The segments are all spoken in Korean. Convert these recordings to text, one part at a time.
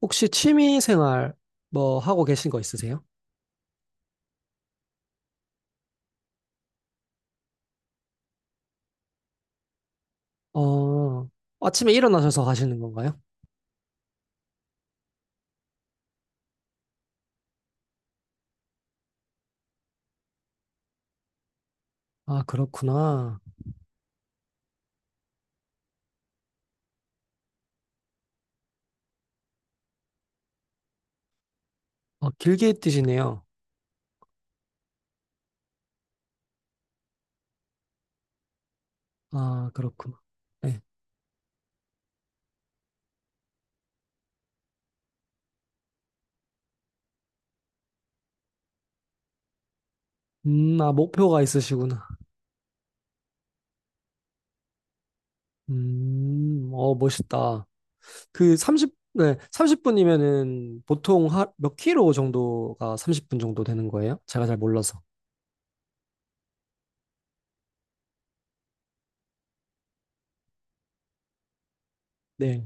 혹시 취미 생활 뭐 하고 계신 거 있으세요? 어, 아침에 일어나셔서 하시는 건가요? 아, 그렇구나. 어, 길게 뛰시네요. 아, 그렇구나. 네. 아, 목표가 있으시구나. 어, 멋있다. 네, 30분이면은 보통 몇 킬로 정도가 30분 정도 되는 거예요? 제가 잘 몰라서. 네.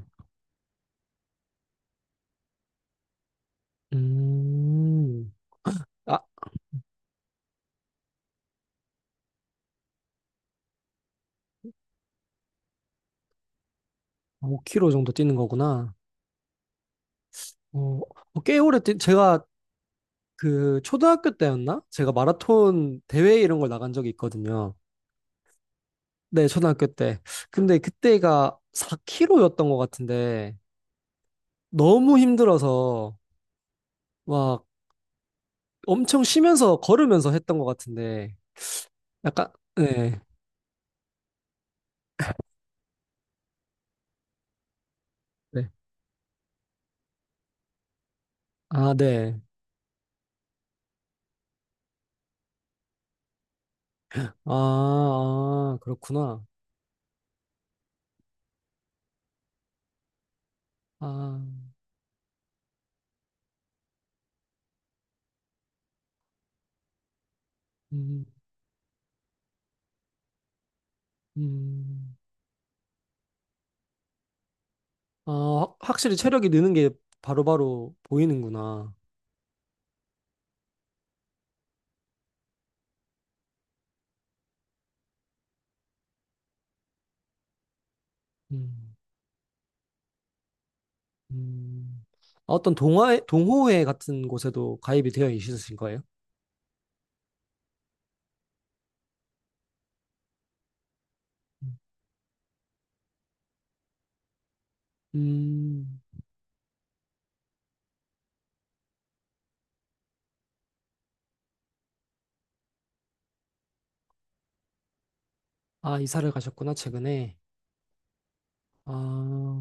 음, 아, 5킬로 정도 뛰는 거구나. 어, 어, 제가 그 초등학교 때였나? 제가 마라톤 대회 이런 걸 나간 적이 있거든요. 네, 초등학교 때. 근데 그때가 4km였던 것 같은데 너무 힘들어서 막 엄청 쉬면서 걸으면서 했던 것 같은데 약간 네. 네. 아, 네. 아, 아, 그렇구나. 아, 음, 음. 아, 확실히 체력이 느는 게 바로바로 보이는구나. 음. 음. 아, 어떤 동호회 같은 곳에도 가입이 되어 있으신 거예요? 음. 아, 이사를 가셨구나, 최근에. 아,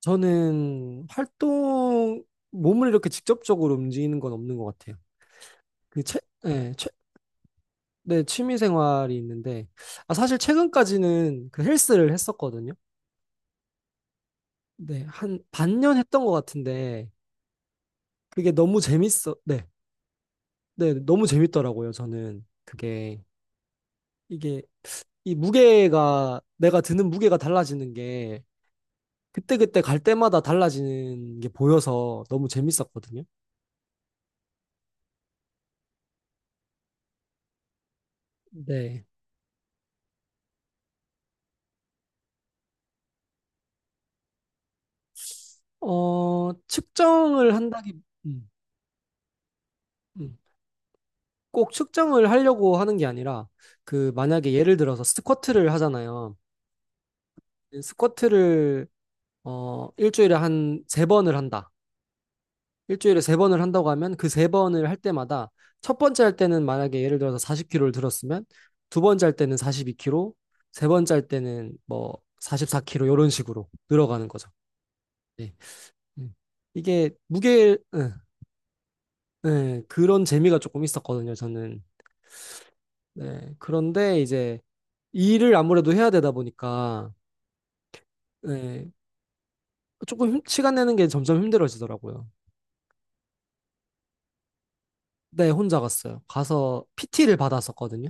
저는 몸을 이렇게 직접적으로 움직이는 건 없는 것 같아요. 그, 채, 네, 채, 네, 취미 생활이 있는데, 아, 사실 최근까지는 그 헬스를 했었거든요. 네, 한 반년 했던 것 같은데, 그게 네, 네, 너무 재밌더라고요, 저는. 그게, 이게 이 무게가 내가 드는 무게가 달라지는 게 그때그때 갈 때마다 달라지는 게 보여서 너무 재밌었거든요. 네. 어, 음, 음. 꼭 측정을 하려고 하는 게 아니라 그 만약에 예를 들어서 스쿼트를 하잖아요. 스쿼트를 일주일에 한 세 번을 한다. 일주일에 세 번을 한다고 하면 그 세 번을 할 때마다 첫 번째 할 때는 만약에 예를 들어서 40kg를 들었으면 두 번째 할 때는 42kg, 세 번째 할 때는 뭐 44kg 이런 식으로 늘어가는 거죠. 네. 음. 이게 무게 응, 네, 그런 재미가 조금 있었거든요. 저는 네. 그런데 이제 일을 아무래도 해야 되다 보니까 네, 조금 시간 내는 게 점점 힘들어지더라고요. 네, 혼자 갔어요. 가서 PT를 받았었거든요.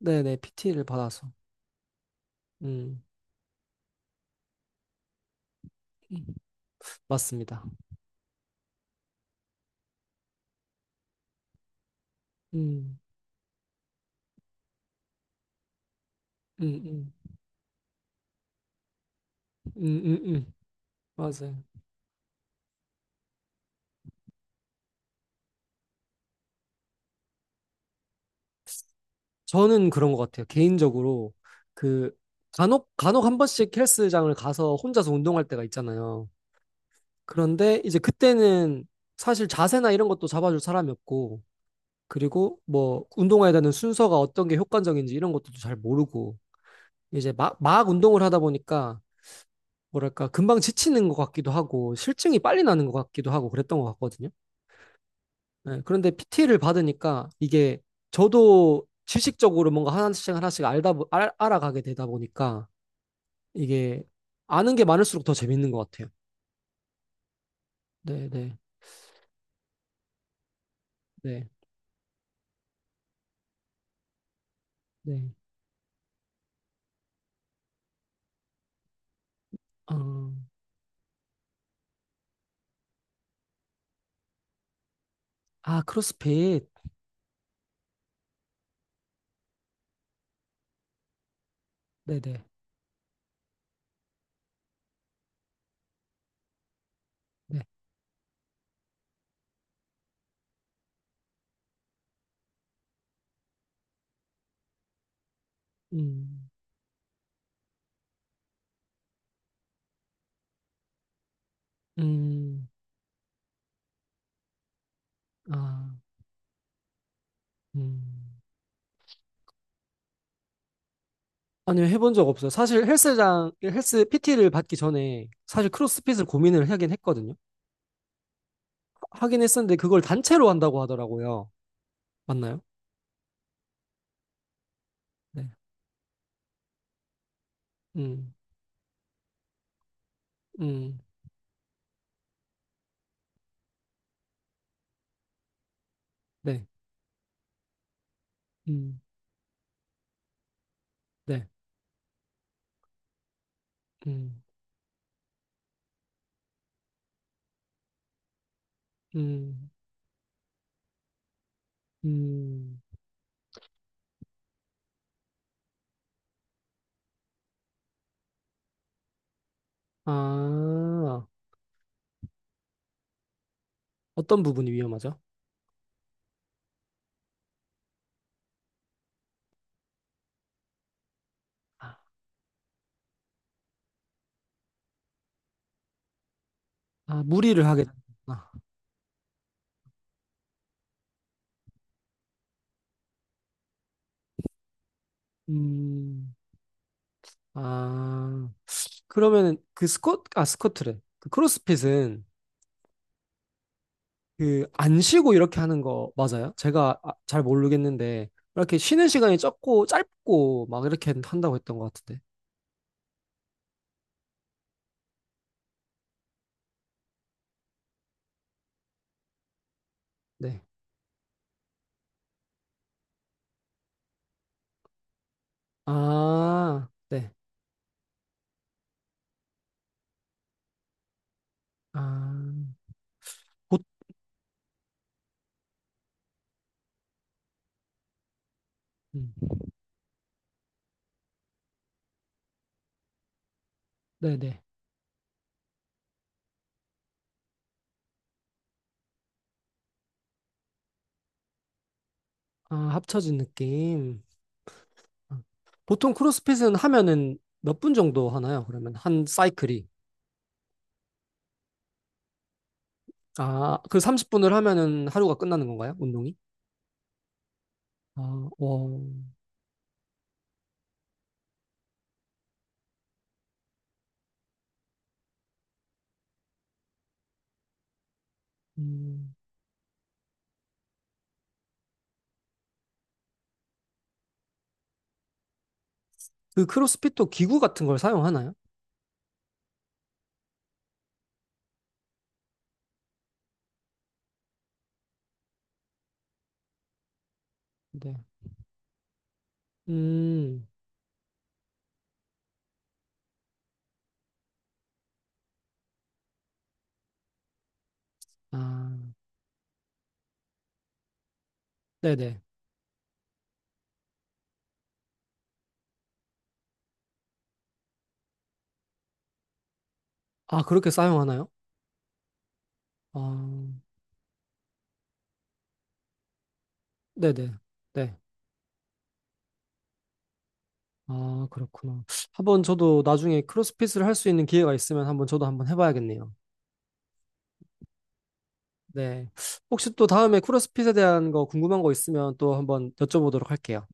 네네, PT를 받아서. 음. 음. 맞습니다. 음, 음, 음, 음, 음, 음. 맞아요. 저는 그런 것 같아요. 개인적으로 그 간혹 간혹 한 번씩 헬스장을 가서 혼자서 운동할 때가 있잖아요. 그런데 이제 그때는 사실 자세나 이런 것도 잡아줄 사람이 없고 그리고 뭐 운동해야 되는 순서가 어떤 게 효과적인지 이런 것도 잘 모르고 이제 막 운동을 하다 보니까 뭐랄까 금방 지치는 것 같기도 하고 실증이 빨리 나는 것 같기도 하고 그랬던 것 같거든요. 네, 그런데 PT를 받으니까 이게 저도 지식적으로 뭔가 하나씩 하나씩 알아가게 되다 보니까 이게 아는 게 많을수록 더 재밌는 것 같아요. 네, 네, 네, 네. 어, 아, 크로스핏. 네, 네, 네. 음, 음, 아, 음. 아니요, 해본 적 없어요. 사실 헬스 PT를 받기 전에 사실 크로스핏을 고민을 하긴 했거든요. 하긴 했었는데 그걸 단체로 한다고 하더라고요. 맞나요? 네. 음, 음. 네. 음, 네. 음, 음, 음. 아, 어떤 부분이 위험하죠? 아, 아, 무리를 하게 되는구나. 음, 아, 그러면은 그 스쿼트, 아, 스쿼트래. 그 크로스핏은 그 안 쉬고 이렇게 하는 거 맞아요? 제가 잘 모르겠는데, 이렇게 쉬는 시간이 적고 짧고 막 이렇게 한다고 했던 것 같은데. 네. 아, 네. 아, 보, 음, 네네. 아, 합쳐진 느낌. 보통 크로스핏은 하면은 몇 분 정도 하나요? 그러면 한 사이클이. 아, 그 30분을 하면은 하루가 끝나는 건가요? 운동이? 아, 와. 음. 그 크로스핏도 기구 같은 걸 사용하나요? 네. 음. 아, 네네. 아, 그렇게 사용하나요? 아, 네네. 네. 아, 그렇구나. 한번 저도 나중에 크로스핏을 할 수 있는 기회가 있으면 한번 저도 한번 해봐야겠네요. 네. 혹시 또 다음에 크로스핏에 대한 거 궁금한 거 있으면 또 한번 여쭤보도록 할게요.